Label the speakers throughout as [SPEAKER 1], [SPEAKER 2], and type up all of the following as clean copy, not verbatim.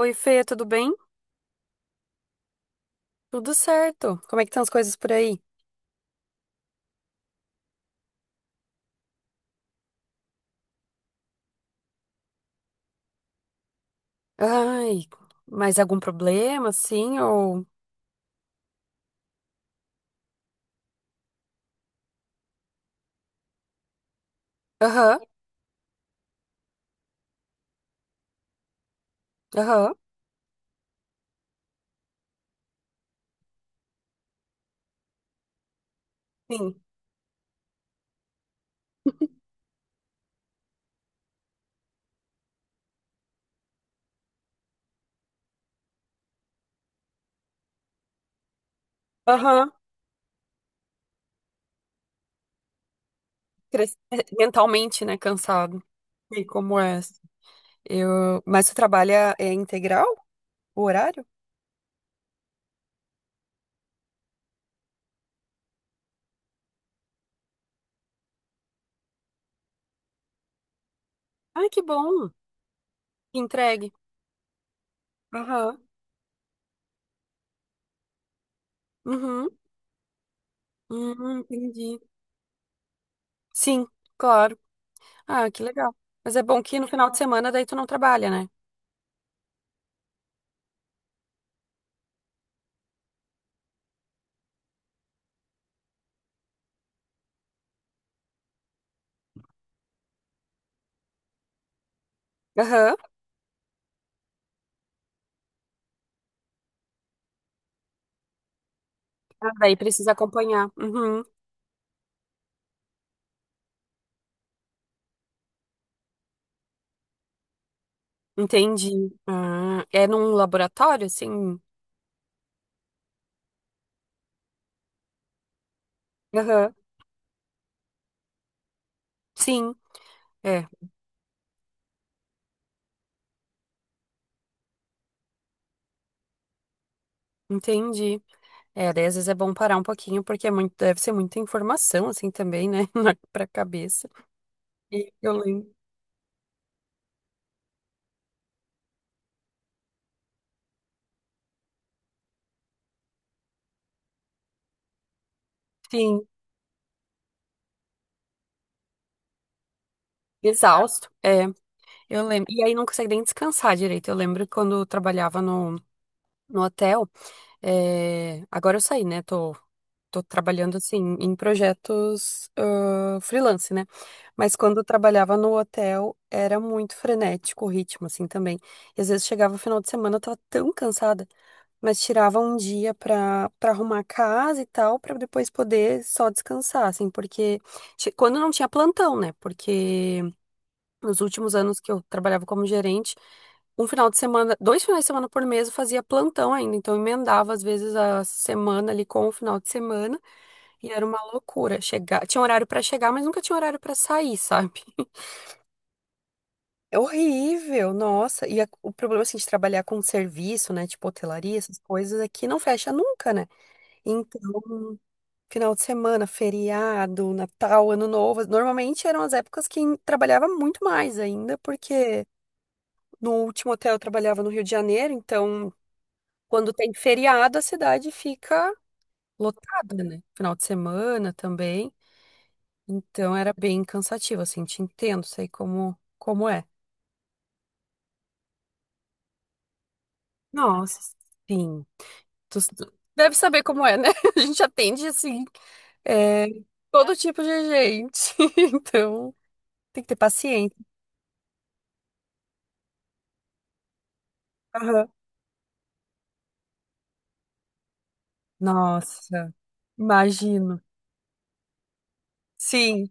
[SPEAKER 1] Oi, Fê, tudo bem? Tudo certo. Como é que estão as coisas por aí? Ai, mas algum problema, assim, ou... Aham, aham, sim. Aham, é, mentalmente, né, cansado. E como é? Eu... Mas você trabalha é integral, o horário? Ai, que bom. Entregue. Aham, uhum, uhum, entendi. Sim, claro. Ah, que legal. Mas é bom que no final de semana daí tu não trabalha, né? Aham. Ah, daí precisa acompanhar. Uhum. Entendi. Ah, é num laboratório, assim? Aham. Sim, é, entendi. É, daí às vezes é bom parar um pouquinho, porque é muito, deve ser muita informação, assim, também, né? Pra cabeça. E eu lembro. Sim, exausto. É, eu lembro. E aí não consegue nem descansar direito. Eu lembro quando eu trabalhava no hotel. É, agora eu saí, né? Tô trabalhando assim em projetos freelance, né? Mas quando eu trabalhava no hotel era muito frenético o ritmo, assim também. E às vezes chegava o final de semana, eu tava tão cansada, mas tirava um dia pra arrumar a casa e tal, pra depois poder só descansar, assim, porque quando não tinha plantão, né? Porque nos últimos anos que eu trabalhava como gerente, um final de semana, dois finais de semana por mês eu fazia plantão ainda, então eu emendava às vezes a semana ali com o final de semana. E era uma loucura chegar. Tinha horário pra chegar, mas nunca tinha horário pra sair, sabe? É horrível, nossa. E o problema assim de trabalhar com serviço, né, tipo hotelaria, essas coisas aqui não fecha nunca, né? Então, final de semana, feriado, Natal, Ano Novo, normalmente eram as épocas que trabalhava muito mais ainda, porque no último hotel eu trabalhava no Rio de Janeiro, então quando tem feriado a cidade fica lotada, né? Final de semana também. Então era bem cansativo, assim, te entendo, sei como é. Nossa. Sim, tu deve saber como é, né? A gente atende, assim, é, todo tipo de gente, então tem que ter paciência. Aham. Nossa, imagino. Sim,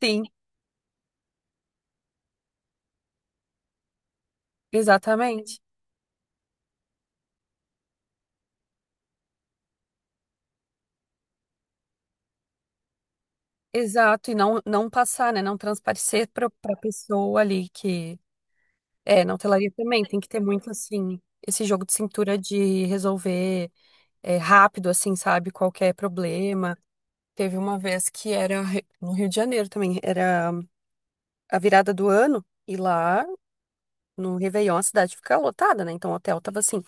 [SPEAKER 1] sim, exatamente. Exato, e não, não passar, né? Não transparecer para a pessoa ali que. É, na hotelaria também tem que ter muito, assim, esse jogo de cintura de resolver. É, rápido, assim, sabe? Qualquer problema. Teve uma vez que era no Rio de Janeiro também, era a virada do ano, e lá no Réveillon a cidade fica lotada, né? Então o hotel tava assim,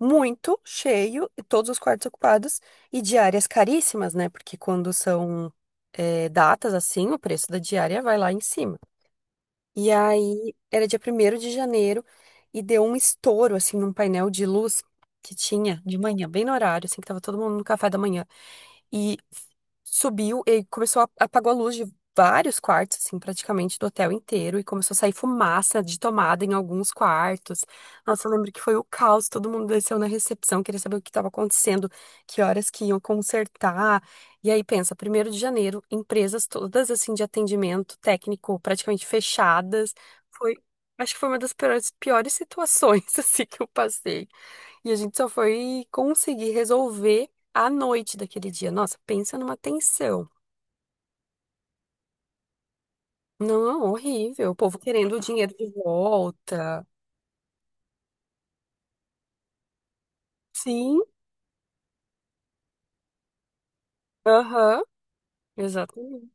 [SPEAKER 1] muito cheio, e todos os quartos ocupados, e diárias caríssimas, né? Porque quando são é, datas assim, o preço da diária vai lá em cima. E aí era dia primeiro de janeiro, e deu um estouro, assim, num painel de luz que tinha de manhã, bem no horário, assim, que tava todo mundo no café da manhã. E subiu e começou a apagou a luz de vários quartos, assim, praticamente do hotel inteiro e começou a sair fumaça de tomada em alguns quartos. Nossa, eu lembro que foi o caos, todo mundo desceu na recepção, queria saber o que estava acontecendo, que horas que iam consertar. E aí pensa, primeiro de janeiro, empresas todas assim de atendimento técnico praticamente fechadas. Foi, acho que foi uma das piores, piores situações assim que eu passei. E a gente só foi conseguir resolver à noite daquele dia. Nossa, pensa numa tensão. Não, horrível. O povo querendo o dinheiro de volta. Sim, aham, exatamente.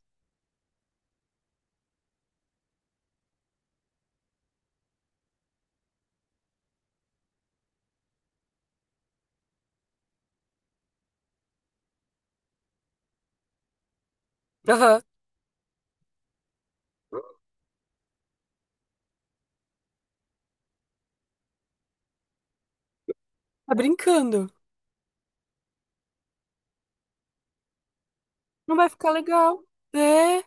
[SPEAKER 1] Aham, tá brincando. Não vai ficar legal. É,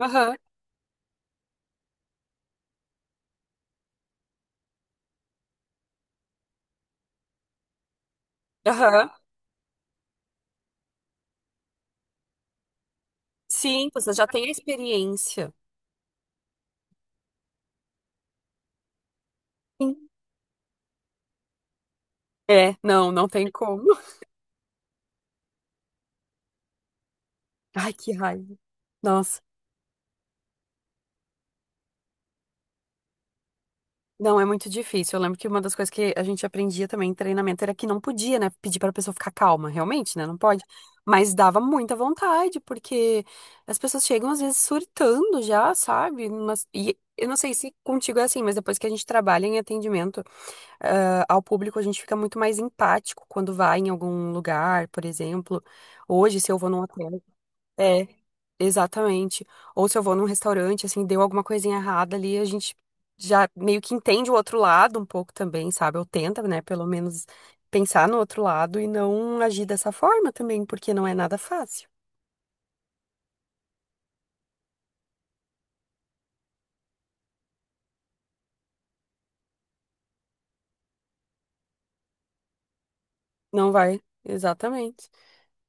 [SPEAKER 1] aham, aham. Sim, você já tem a experiência. Sim. É, não, não tem como. Ai, que raiva. Nossa. Não, é muito difícil. Eu lembro que uma das coisas que a gente aprendia também em treinamento era que não podia, né, pedir para a pessoa ficar calma, realmente, né? Não pode. Mas dava muita vontade, porque as pessoas chegam às vezes surtando já, sabe? Mas, e eu não sei se contigo é assim, mas depois que a gente trabalha em atendimento, ao público, a gente fica muito mais empático quando vai em algum lugar, por exemplo. Hoje, se eu vou num hotel é, exatamente. Ou se eu vou num restaurante, assim, deu alguma coisinha errada ali, a gente já meio que entende o outro lado um pouco também, sabe? Ou tenta, né, pelo menos pensar no outro lado e não agir dessa forma também, porque não é nada fácil. Não vai, exatamente.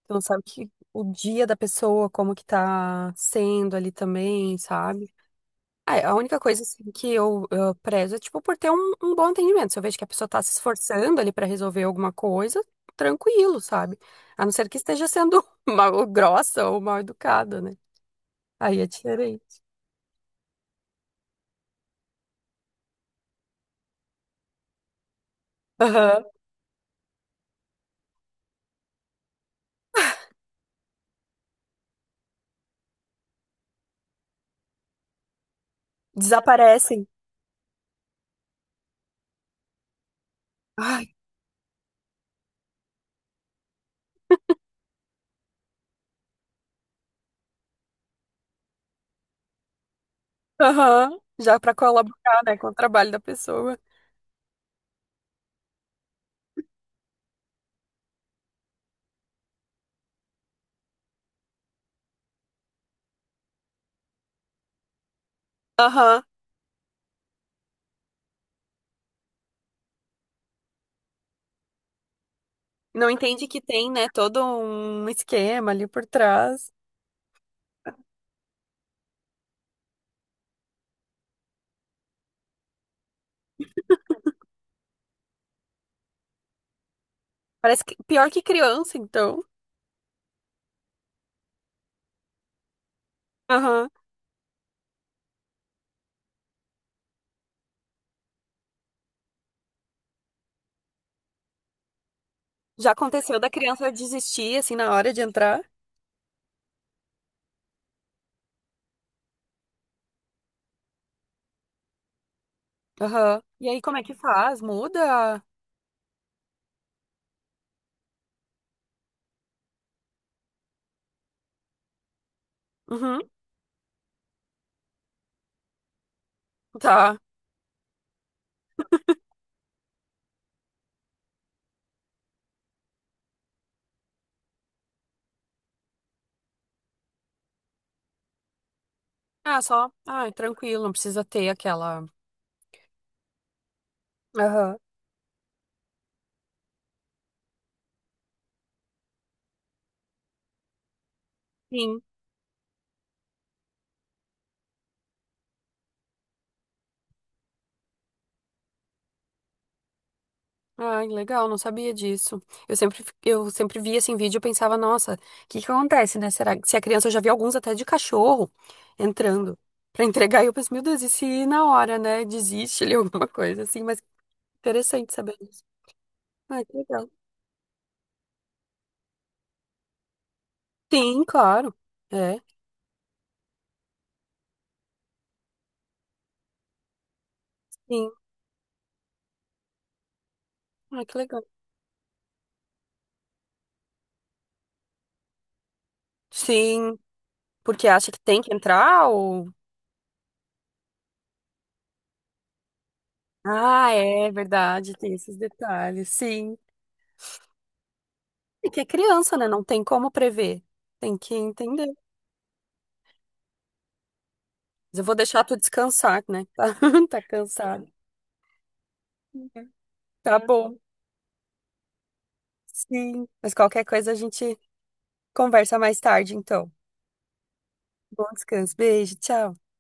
[SPEAKER 1] Então, sabe que o dia da pessoa, como que tá sendo ali também, sabe? Ah, é, a única coisa assim, que eu prezo é tipo por ter um bom atendimento. Se eu vejo que a pessoa tá se esforçando ali pra resolver alguma coisa, tranquilo, sabe? A não ser que esteja sendo mal grossa ou mal educada, né? Aí é diferente. Aham. Desaparecem. Ai, aham. Já pra colaborar, né, com o trabalho da pessoa. Aham. Não entende que tem, né, todo um esquema ali por trás. Parece que pior que criança, então. Aham. Já aconteceu da criança desistir assim na hora de entrar? Aham. E aí, como é que faz? Muda? Uhum. Tá. Ah, só. Ah, tranquilo, não precisa ter aquela. Aham. Sim. Ai, legal, não sabia disso. Eu sempre, eu sempre via esse vídeo e pensava, nossa, o que que acontece, né? Será que se a criança, eu já vi alguns até de cachorro entrando pra entregar, e eu penso, meu Deus, e se na hora, né, desiste ali alguma coisa assim, mas interessante saber disso. Ai, que legal. Sim, claro. É, sim. Ai, que legal. Sim, porque acha que tem que entrar ou. Ah, é verdade, tem esses detalhes, sim. É que é criança, né? Não tem como prever. Tem que entender. Mas eu vou deixar tu descansar, né? Tá, tá cansado. Tá bom. Sim. Mas qualquer coisa a gente conversa mais tarde, então. Bom descanso. Beijo, tchau.